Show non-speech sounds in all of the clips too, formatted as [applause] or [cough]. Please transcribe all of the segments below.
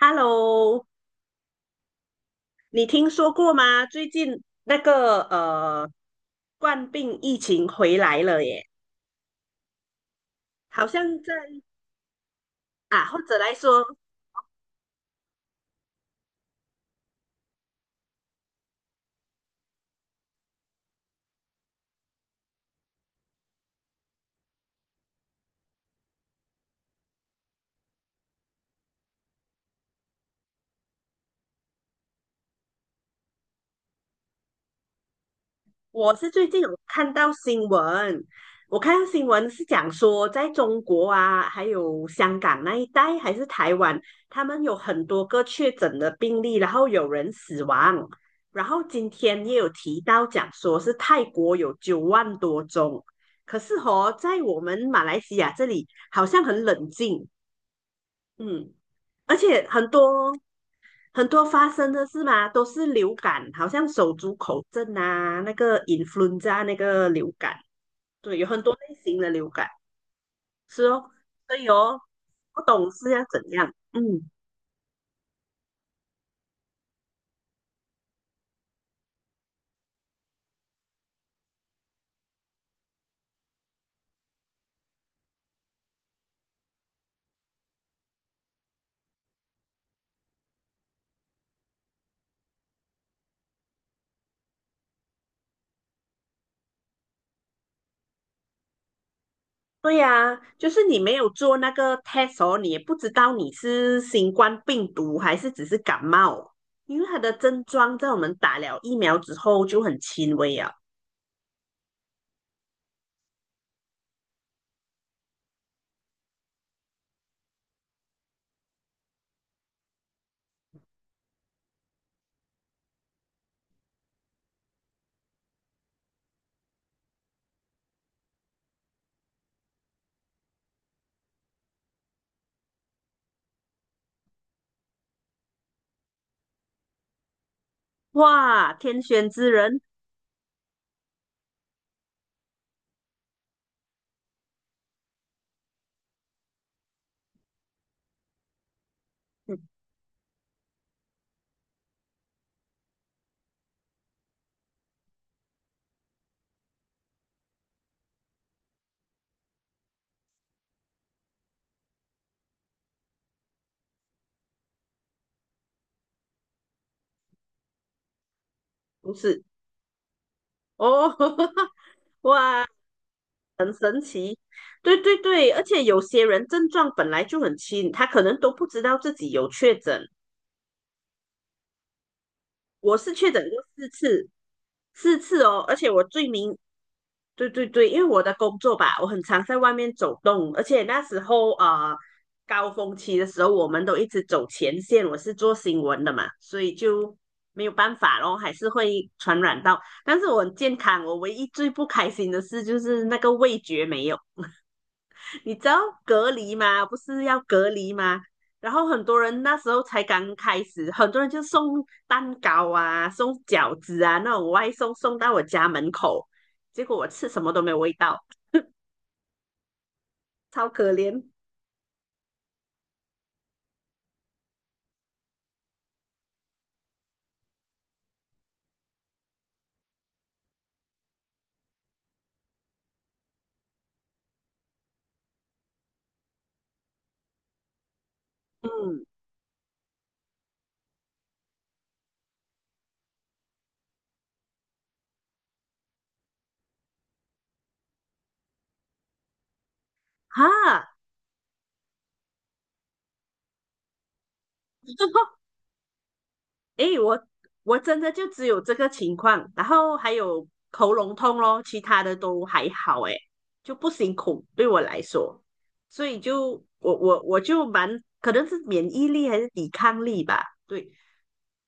Hello，你听说过吗？最近那个冠病疫情回来了耶，好像在啊，或者来说，我是最近有看到新闻，我看到新闻是讲说，在中国啊，还有香港那一带，还是台湾，他们有很多个确诊的病例，然后有人死亡。然后今天也有提到讲说是泰国有9万多宗，可是哦，在我们马来西亚这里好像很冷静，嗯，而且很多很多发生的是嘛，都是流感，好像手足口症啊，那个 influenza 啊那个流感，对，有很多类型的流感，是哦，所以哦，不懂是要怎样，嗯，对呀、就是你没有做那个 test 哦，你也不知道你是新冠病毒还是只是感冒，因为它的症状在我们打了疫苗之后就很轻微啊，哇，天选之人，嗯，不是哦，[laughs] 哇，对对对，而且有些人症状本来就很轻，他可能都不知道自己有确诊。我是确诊过四次，四次哦，而且我最明，对对对，因为我的工作吧，我很常在外面走动，而且那时候啊、高峰期的时候，我们都一直走前线，我是做新闻的嘛，所以就没有办法咯，还是会传染到。但是我很健康，我唯一最不开心的事就是那个味觉没有。你知道隔离吗？不是要隔离吗？然后很多人那时候才刚开始，很多人就送蛋糕啊，送饺子啊，那种外送送到我家门口，结果我吃什么都没有味道，超可怜。嗯，哈，[laughs] 诶，我真的就只有这个情况，然后还有喉咙痛咯，其他的都还好，诶，就不辛苦对我来说，所以就我就蛮可能是免疫力还是抵抗力吧，对。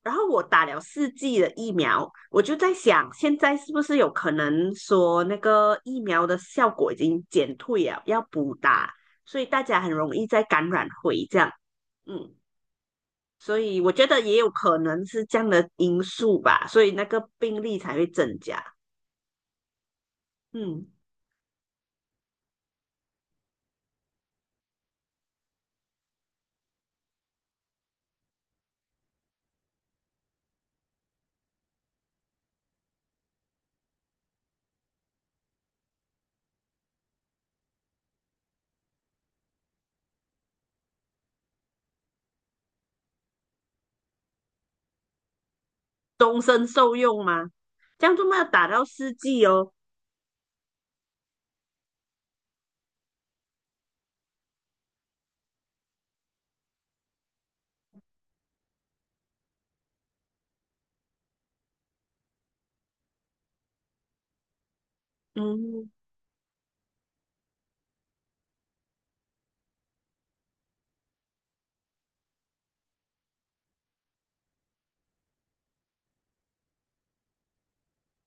然后我打了4剂的疫苗，我就在想，现在是不是有可能说那个疫苗的效果已经减退了，要补打，所以大家很容易再感染回这样，嗯。所以我觉得也有可能是这样的因素吧，所以那个病例才会增加。嗯，终身受用吗？这样就没有打到四季哦。嗯，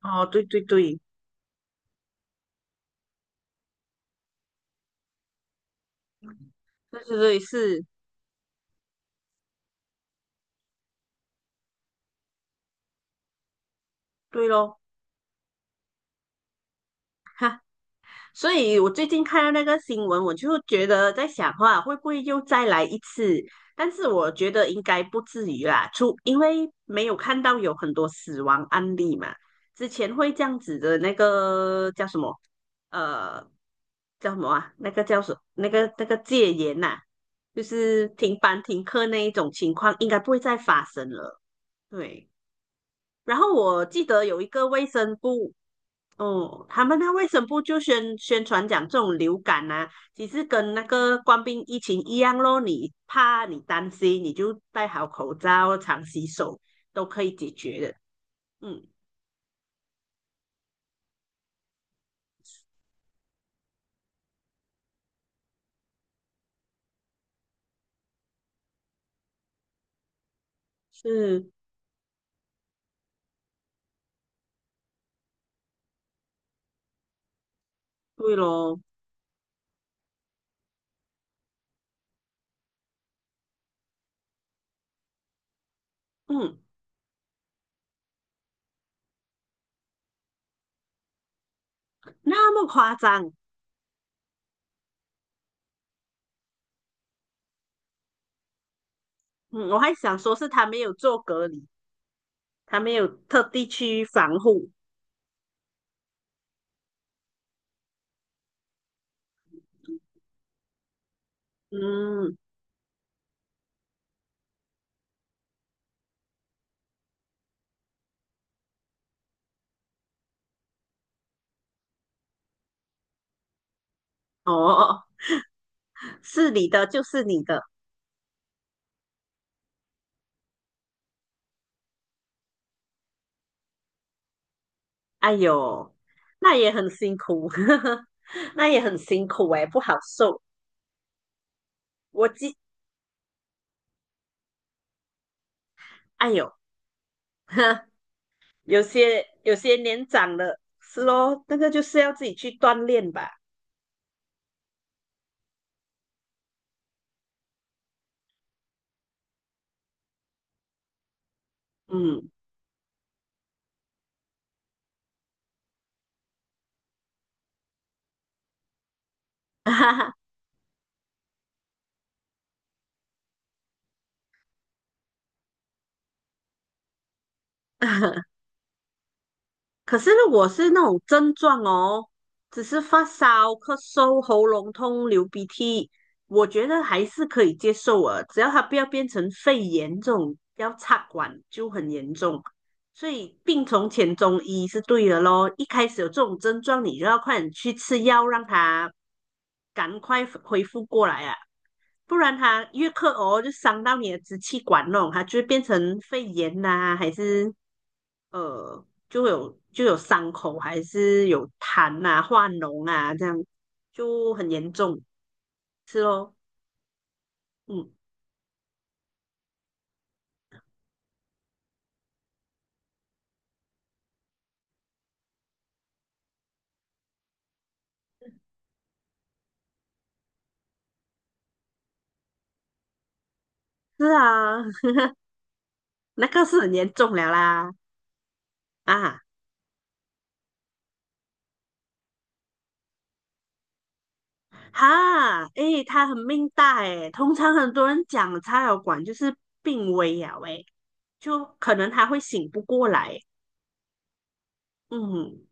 哦，对对对，对对对，是，对咯。[laughs] 所以我最近看到那个新闻，我就觉得在想话会不会又再来一次？但是我觉得应该不至于啦，因为没有看到有很多死亡案例嘛。之前会这样子的那个叫什么？呃，叫什么啊？那个叫什？那个戒严呐、就是停班停课那一种情况，应该不会再发生了。对。然后我记得有一个卫生部哦，他们那卫生部就宣传讲这种流感啊，其实跟那个官兵疫情一样咯，你怕你担心，你就戴好口罩，常洗手，都可以解决的。嗯，是，对咯，嗯，那么夸张，嗯，我还想说是他没有做隔离，他没有特地去防护。嗯，哦，是你的就是你的，哎呦，那也很辛苦，[laughs] 那也很辛苦哎，不好受。我记，哎呦，有些年长了，是咯，那个就是要自己去锻炼吧，嗯，[laughs] 哈哈。可是如果是那种症状哦，只是发烧、咳嗽、喉咙痛、流鼻涕，我觉得还是可以接受啊，只要它不要变成肺炎这种要插管就很严重。所以病从浅中医是对的咯，一开始有这种症状，你就要快点去吃药，让它赶快恢复过来啊。不然它越咳哦，就伤到你的支气管那它就会变成肺炎呐、还是就有伤口，还是有痰啊、化脓啊，这样就很严重，是咯，嗯，是啊，[laughs] 那个是很严重了啦，啊哈，诶，他很命大诶，通常很多人讲插药管就是病危呀，喂，就可能他会醒不过来，嗯，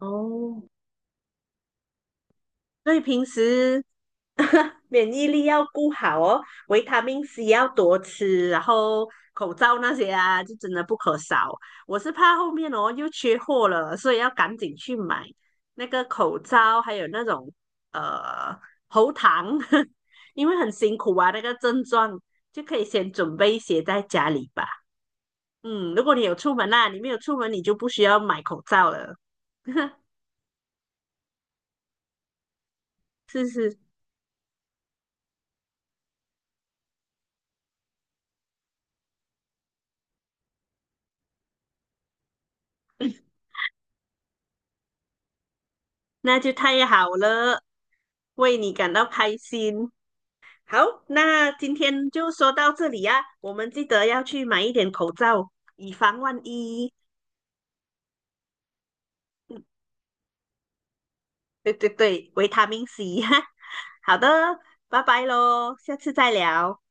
哦，所以平时 [laughs] 免疫力要顾好哦，维他命 C 要多吃，然后口罩那些啊，就真的不可少。我是怕后面哦又缺货了，所以要赶紧去买那个口罩，还有那种呃喉糖，[laughs] 因为很辛苦啊，那个症状就可以先准备一些在家里吧。嗯，如果你有出门啦、你没有出门，你就不需要买口罩了。[laughs] 是是那就太好了，为你感到开心。好，那今天就说到这里呀、我们记得要去买一点口罩，以防万一。嗯对对对，维他命 C。[laughs] 哈。好的，拜拜喽，下次再聊。